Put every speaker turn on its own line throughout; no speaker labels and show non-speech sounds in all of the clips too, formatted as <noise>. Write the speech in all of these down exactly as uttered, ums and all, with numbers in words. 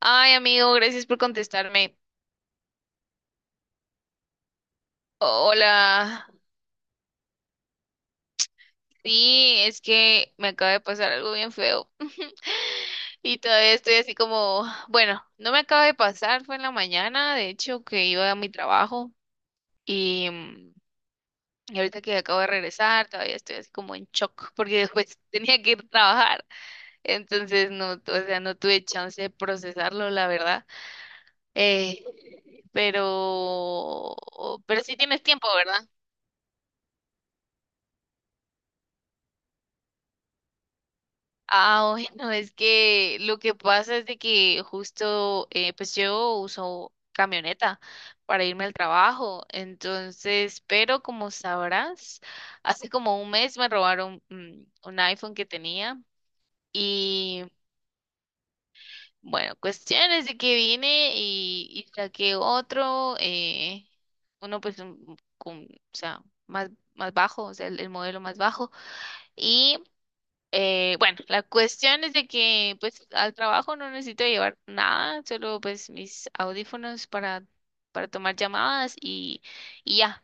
Ay, amigo, gracias por contestarme. Hola. Sí, es que me acaba de pasar algo bien feo. <laughs> Y todavía estoy así como, bueno, no me acaba de pasar, fue en la mañana, de hecho, que iba a mi trabajo y, mm, y ahorita que acabo de regresar, todavía estoy así como en shock porque después <laughs> tenía que ir a trabajar. Entonces, no, tu- o sea, no tuve chance de procesarlo, la verdad. Eh, pero, pero sí tienes tiempo, ¿verdad? Ah, bueno, es que lo que pasa es de que justo, eh, pues yo uso camioneta para irme al trabajo, entonces, pero como sabrás, hace como un mes me robaron mm, un iPhone que tenía y bueno, cuestiones de que vine y, y saqué otro, eh, uno pues un- con, o sea, más, más bajo, o sea, el el modelo más bajo. Y eh, bueno, la cuestión es de que pues al trabajo no necesito llevar nada, solo pues mis audífonos para, para tomar llamadas y, y ya.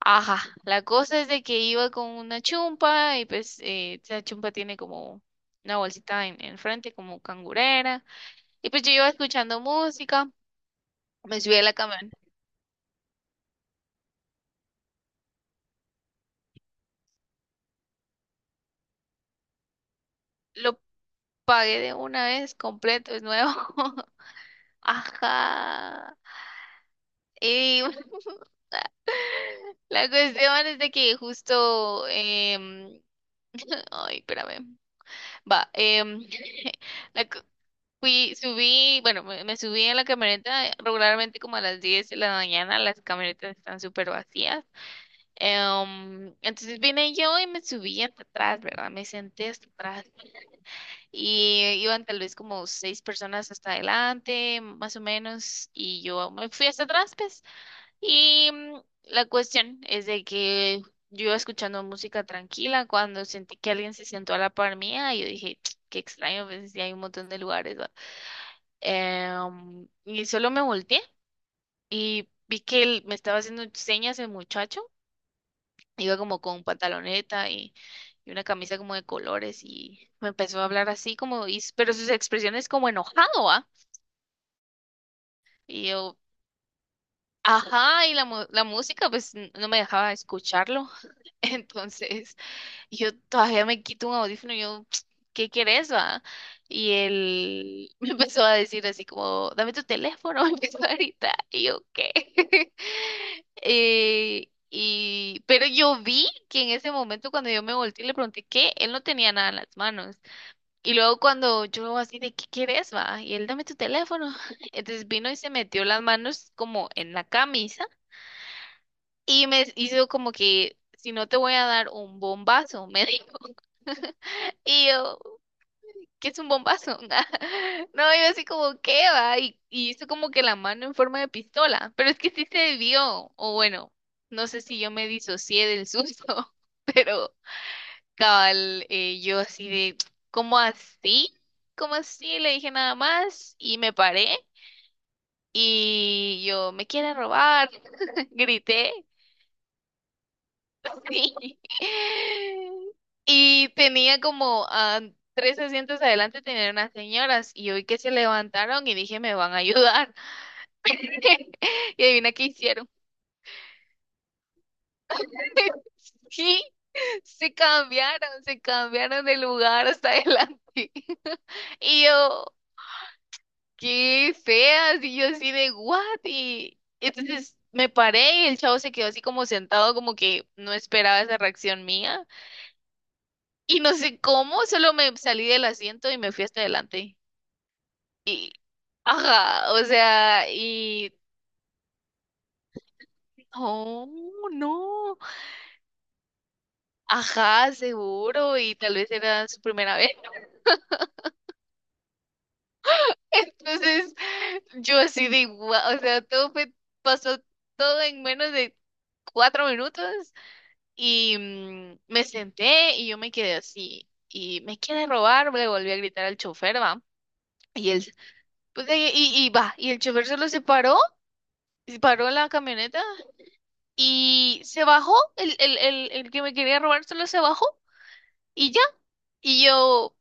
Ajá, la cosa es de que iba con una chumpa y pues eh, esa chumpa tiene como una bolsita en, en frente como cangurera y pues yo iba escuchando música, me subí a la camioneta, lo pagué de una vez completo, es nuevo. <laughs> Ajá. Y la cuestión es de que justo, em, ay, espérame, va, em, <laughs> la cu- fui, subí, bueno, me, me subí en la camioneta eh, regularmente como a las diez de la mañana, las camionetas están súper vacías, em, entonces vine yo y me subí hasta atrás, ¿verdad? Me senté hasta atrás y iban tal vez como seis personas hasta adelante, más o menos, y yo me fui hasta atrás, pues. Y mm, la cuestión es de que yo iba escuchando música tranquila cuando sentí que alguien se sentó a la par mía y yo dije, "Ch, qué extraño, pues sí hay un montón de lugares, ¿va?". Em, y solo me volteé y vi que él me estaba haciendo señas el muchacho, iba como con pantaloneta y, y una camisa como de colores y me empezó a hablar así como, y, s- pero sus expresiones como enojado, ¿va? Y yo, ajá, y la, mu- la música pues n- no me dejaba escucharlo. <laughs> Entonces. Y yo todavía me quito un audífono y yo, <tsk> ¿qué querés, va? Y él <laughs> me empezó a decir así como, dame tu teléfono, <laughs> me empezó a gritar. Y yo, ¿qué? <laughs> Eh, y, pero yo vi que en ese momento cuando yo me volteé y le pregunté qué, él no tenía nada en las manos. Y luego cuando yo así de, ¿qué querés, va? Y él, dame tu teléfono. <laughs> Entonces vino y se metió las manos como en la camisa y me hizo como que, si no te voy a dar un bombazo, <laughs> me dijo. Y yo, ¿qué es un bombazo? <laughs> No, yo así como, ¿qué va? Y, y hizo como que la mano en forma de pistola, pero es que sí se vio, o bueno, no sé si yo me disocié del susto, <laughs> pero cabal, eh, yo así de, ¿cómo así? ¿Cómo así? Le dije nada más y me paré y yo, ¿me quieren robar? <laughs> Grité. Sí. Y tenía como ah, tres asientos adelante, tenían unas señoras y hoy que se levantaron y dije, me van a ayudar. <laughs> Y adivina qué hicieron. <laughs> Sí, se cambiaron, se cambiaron de lugar hasta adelante. <laughs> Y yo, qué feas. Y yo así de, what? Y entonces me paré y el chavo se quedó así como sentado, como que no esperaba esa reacción mía. Y no sé cómo, solo me salí del asiento y me fui hasta adelante. Y, ajá, o sea, y, no, no, ajá, seguro, y tal vez era su primera vez. <laughs> Entonces, yo así de igual, o sea, todo fue- pasó todo en menos de cuatro minutos y mm, me senté y yo me quedé así. Y me quiere robar, le volví a gritar al chofer, va. Y él, pues, y, y, y va, y el chofer solo se paró, paró la camioneta y se bajó, el, el, el, el que me quería robar solo se bajó y ya. Y yo,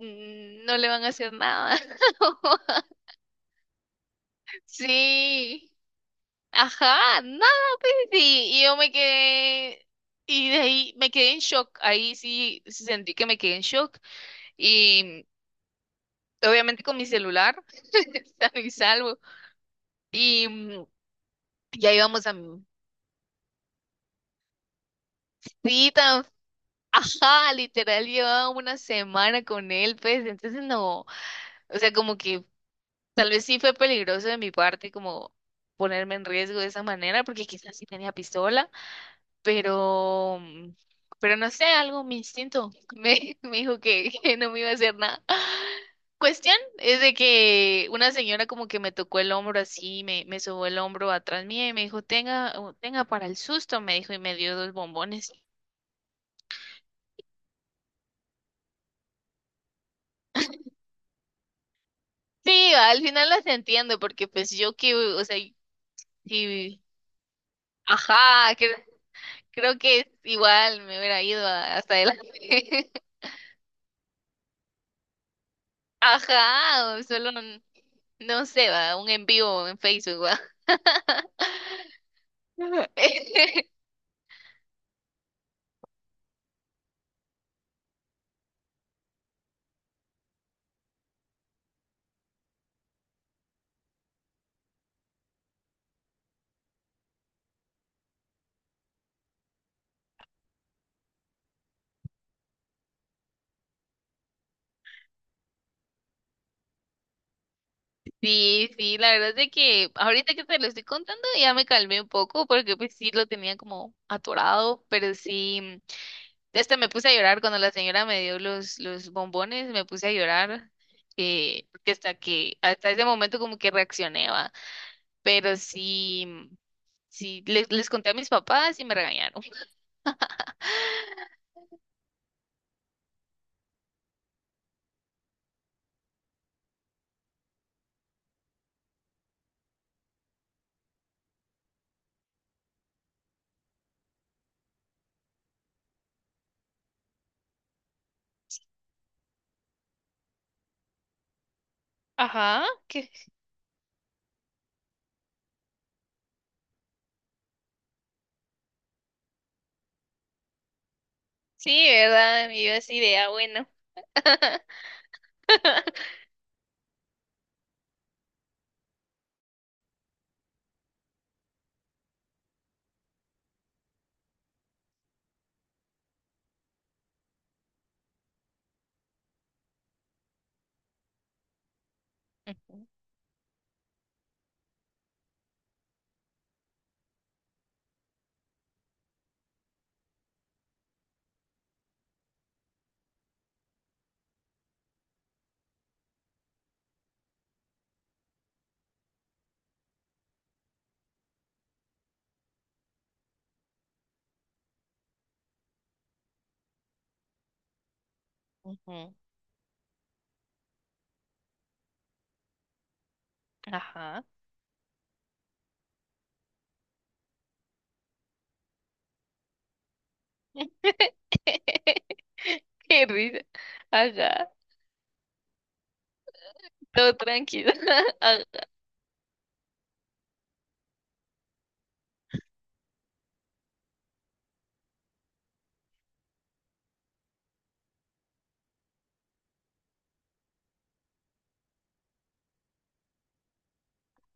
"Mm, no le van a hacer nada". <laughs> Sí, ajá, nada, pues sí. Y yo me quedé, y de ahí me quedé en shock. Ahí sí sentí que me quedé en shock. Y obviamente con mi celular, <laughs> sano y salvo. Y mm, ya íbamos a mi cita. Ajá, literal llevaba una semana con él, pues, entonces no, o sea, como que tal vez sí fue peligroso de mi parte como ponerme en riesgo de esa manera, porque quizás sí tenía pistola, pero, mm, pero no sé, algo, mi instinto me, <laughs> me dijo que, que no me iba a hacer nada. Cuestión es de que una señora como que me tocó el hombro así, me, me sobó el hombro atrás mía y me dijo, tenga, tenga para el susto, me dijo y me dio dos bombones. Sí, al final las entiendo, porque pues yo que, o sea, sí, ajá, cre- creo que igual me hubiera ido a- hasta adelante. <laughs> Ajá, o solo, un- no sé, va, un en vivo en Facebook, va. <laughs> Sí, sí, la verdad es de que ahorita que te lo estoy contando ya me calmé un poco, porque pues sí lo tenía como atorado, pero sí. Este me puse a llorar cuando la señora me dio los, los bombones, me puse a llorar, eh, porque hasta que, hasta ese momento como que reaccioné, va. Pero sí, sí, les, les conté a mis papás y me regañaron. Ajá, que sí, ¿verdad? Y yo así de, ah, bueno. <laughs> Ujú, ujú, ajá. <laughs> Qué risa. Ajá, todo tranquilo. <laughs>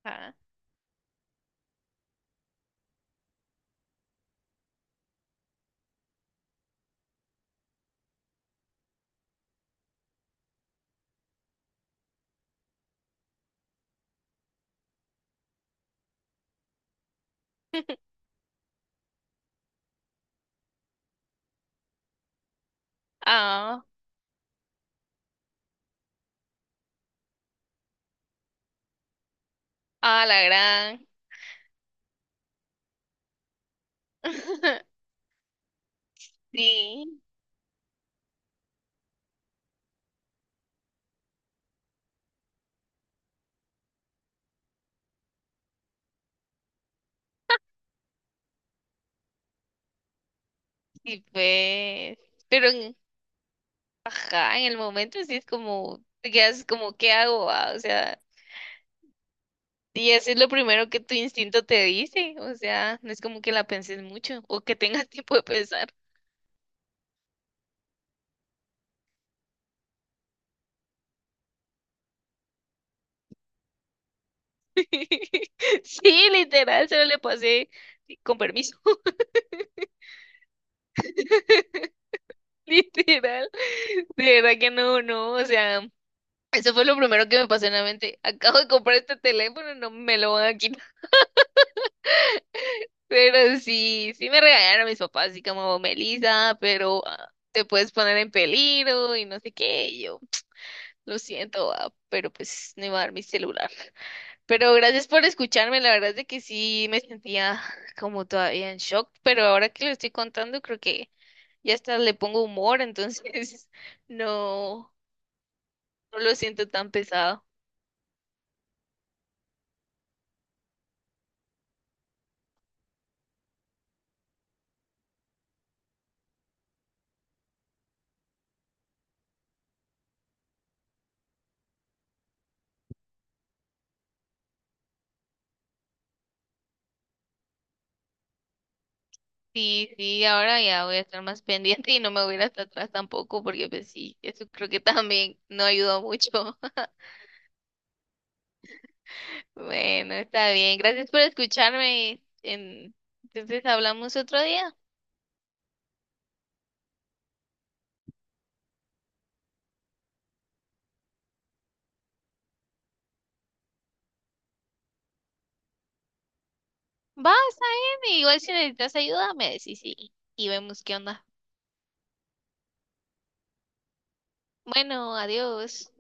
Ajá. Ah, ah, la gran. <laughs> Sí. Y pues, pero en, ajá, en el momento sí es como, te quedas como, ¿qué hago?, ¿va? O sea, y eso es lo primero que tu instinto te dice, o sea, no es como que la penses mucho o que tengas <laughs> tiempo de pensar. <laughs> Sí, literal, se le pasé sí, con permiso, <laughs> literal. De verdad que no, no, o sea, eso fue lo primero que me pasó en la mente. Acabo de comprar este teléfono, no me lo van a quitar. Pero sí, sí me regañaron mis papás, así como Melisa, pero ah, te puedes poner en peligro y no sé qué. Y yo, lo siento, ah, pero pues no iba a dar mi celular. <laughs> Pero gracias por escucharme, la verdad es de que sí me sentía como todavía en shock, pero ahora que lo estoy contando, creo que ya hasta le pongo humor, entonces <laughs> no, no lo siento tan pesado. Sí, sí, ahora ya voy a estar más pendiente y no me voy a ir hasta atrás tampoco, porque pues sí, eso creo que también no ayudó mucho. <laughs> Bueno, está bien. Gracias por escucharme. En... Entonces hablamos otro día. Va, está bien. Igual si necesitas ayuda, me decís y, y vemos qué onda. Bueno, adiós.